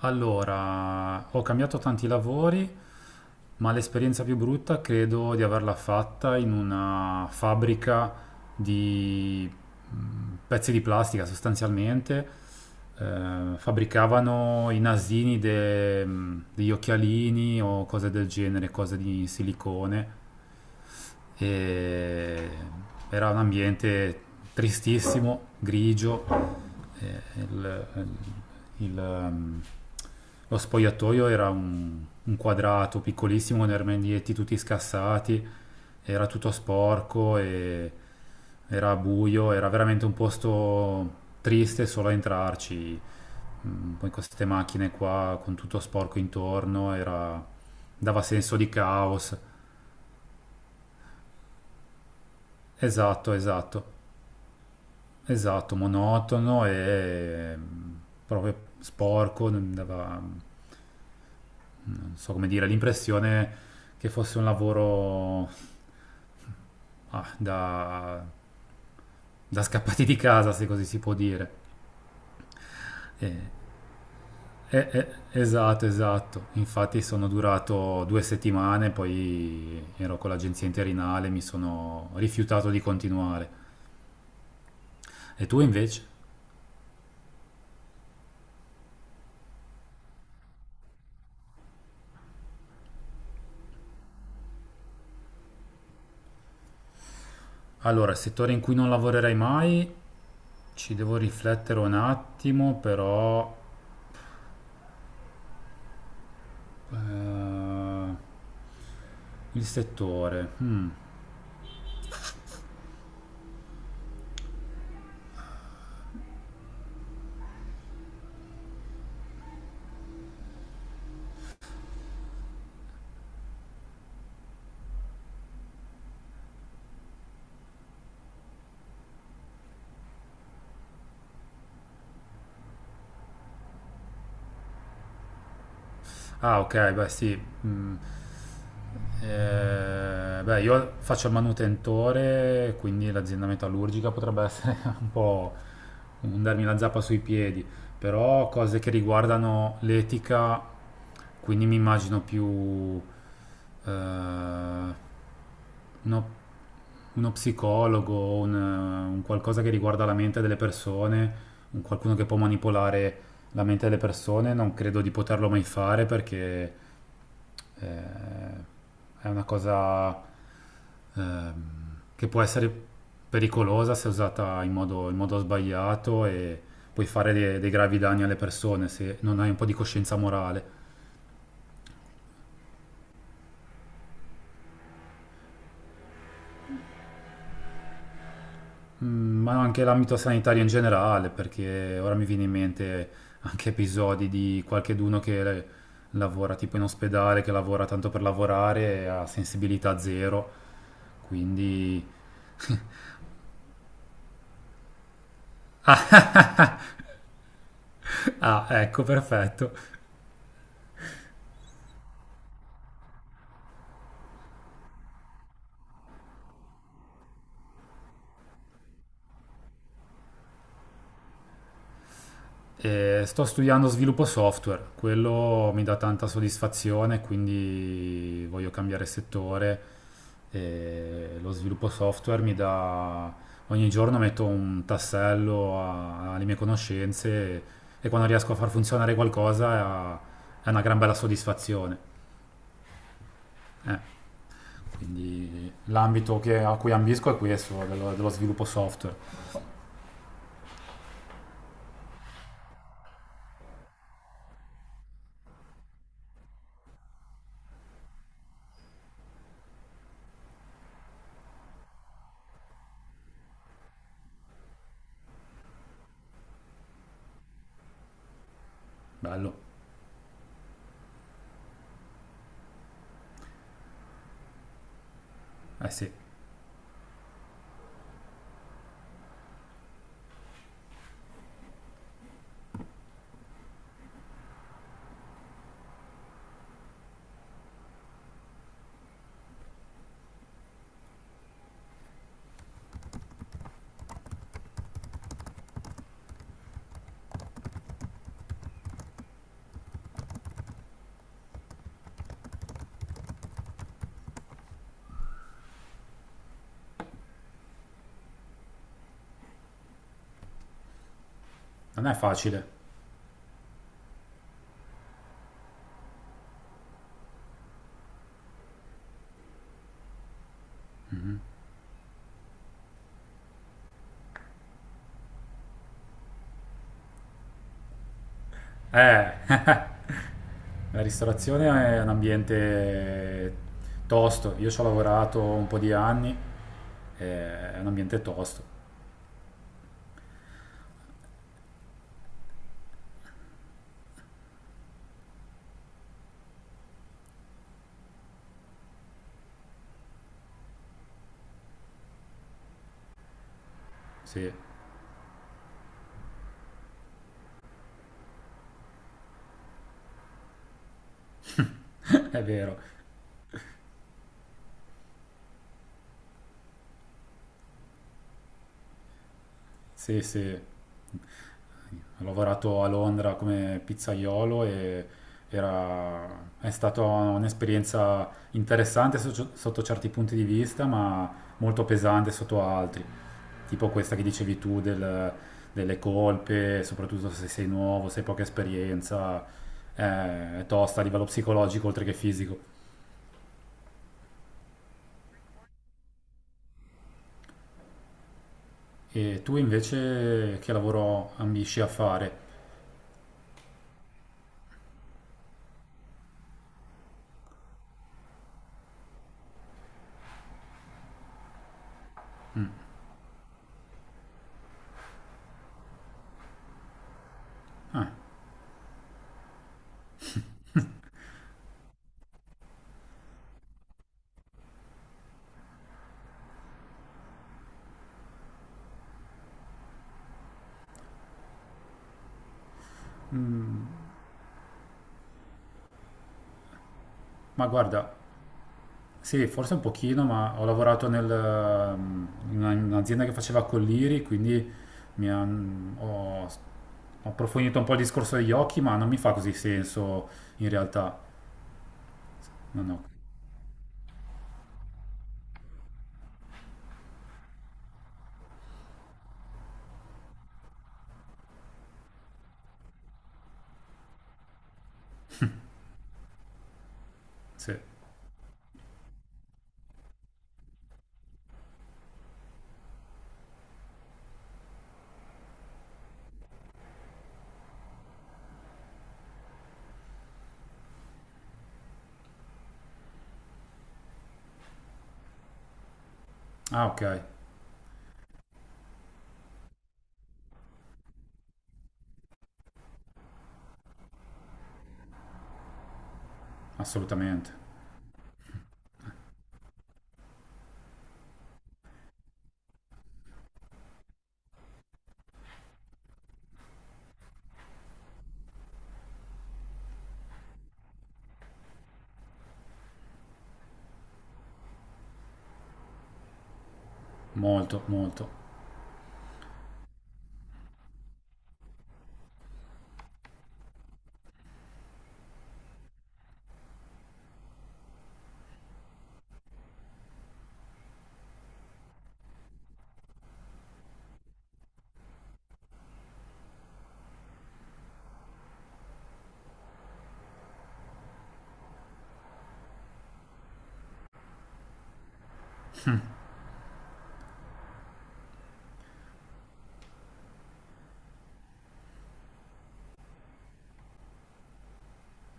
Allora, ho cambiato tanti lavori, ma l'esperienza più brutta credo di averla fatta in una fabbrica di pezzi di plastica sostanzialmente. Fabbricavano i nasini degli occhialini o cose del genere, cose di silicone. E era un ambiente tristissimo, grigio. eh, il- il- il- lo spogliatoio era un quadrato piccolissimo con i armadietti tutti scassati. Era tutto sporco, e era buio, era veramente un posto triste solo a entrarci. Poi con queste macchine qua, con tutto sporco intorno, dava senso di caos. Esatto, esatto, esatto, monotono e proprio sporco. Non dava, non so come dire, l'impressione che fosse un lavoro ah, da, da scappati di casa, se così si può dire. E Eh, eh, esatto, esatto. Infatti sono durato 2 settimane, poi ero con l'agenzia interinale, mi sono rifiutato di continuare. E tu invece? Allora, settore in cui non lavorerai mai, ci devo riflettere un attimo, eh, il settore. Hmm. Ah, ok, beh, sì. Mm. Beh, io faccio il manutentore, quindi l'azienda metallurgica potrebbe essere un po' un darmi la zappa sui piedi, però cose che riguardano l'etica. Quindi mi immagino più, eh, uno, uno psicologo, un qualcosa che riguarda la mente delle persone, un qualcuno che può manipolare la mente delle persone. Non credo di poterlo mai fare, perché è una cosa ehm, che può essere pericolosa se usata in modo sbagliato, e puoi fare dei gravi danni alle persone se non hai un po' di coscienza morale. Ma anche l'ambito sanitario in generale, perché ora mi viene in mente anche episodi di qualcheduno che lavora tipo in ospedale, che lavora tanto per lavorare e ha sensibilità zero, quindi... Ah, ecco, perfetto. E sto studiando sviluppo software, quello mi dà tanta soddisfazione, quindi voglio cambiare settore. E lo sviluppo software mi dà... Ogni giorno metto un tassello alle mie conoscenze, e quando riesco a far funzionare qualcosa è una gran bella soddisfazione. Eh, quindi l'ambito a cui ambisco è questo, dello sviluppo software. Bello, eh sì, non è facile. Eh, la ristorazione è un ambiente tosto. Io ci ho lavorato un po' di anni, è un ambiente tosto. Sì, è vero. Sì, sì. Ho lavorato a Londra come pizzaiolo, e è stata un'esperienza interessante sotto certi punti di vista, ma molto pesante sotto altri. Tipo questa che dicevi tu delle colpe, soprattutto se sei nuovo, se hai poca esperienza, è tosta a livello psicologico oltre che fisico. E tu invece che lavoro ambisci a fare? Ma guarda, sì, forse un pochino, ma ho lavorato in un'azienda che faceva colliri, quindi ho approfondito un po' il discorso degli occhi, ma non mi fa così senso in realtà. No, no, sì. Ah, ok, assolutamente. Molto, molto.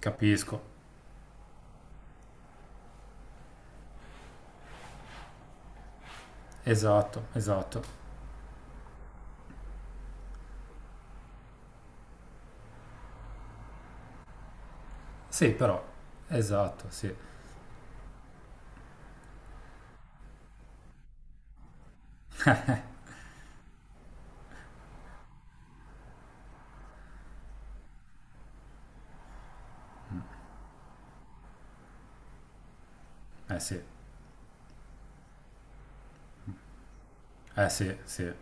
Capisco. Esatto, esatto. Sì, però. Esatto, sì. Eh sì. Eh sì, sì.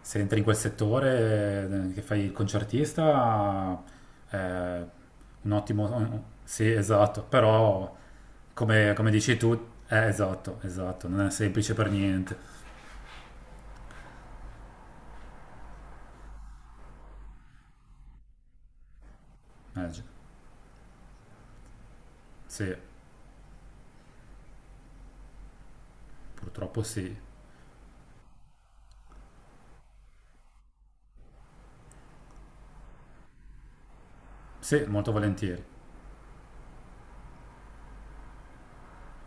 Se entri in quel settore, che fai il concertista, eh, Sì, esatto. Però, come dici tu, esatto, esatto. Non è semplice per niente. Eh, gi- sì, purtroppo sì. Sì, molto volentieri.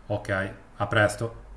Ok, a presto.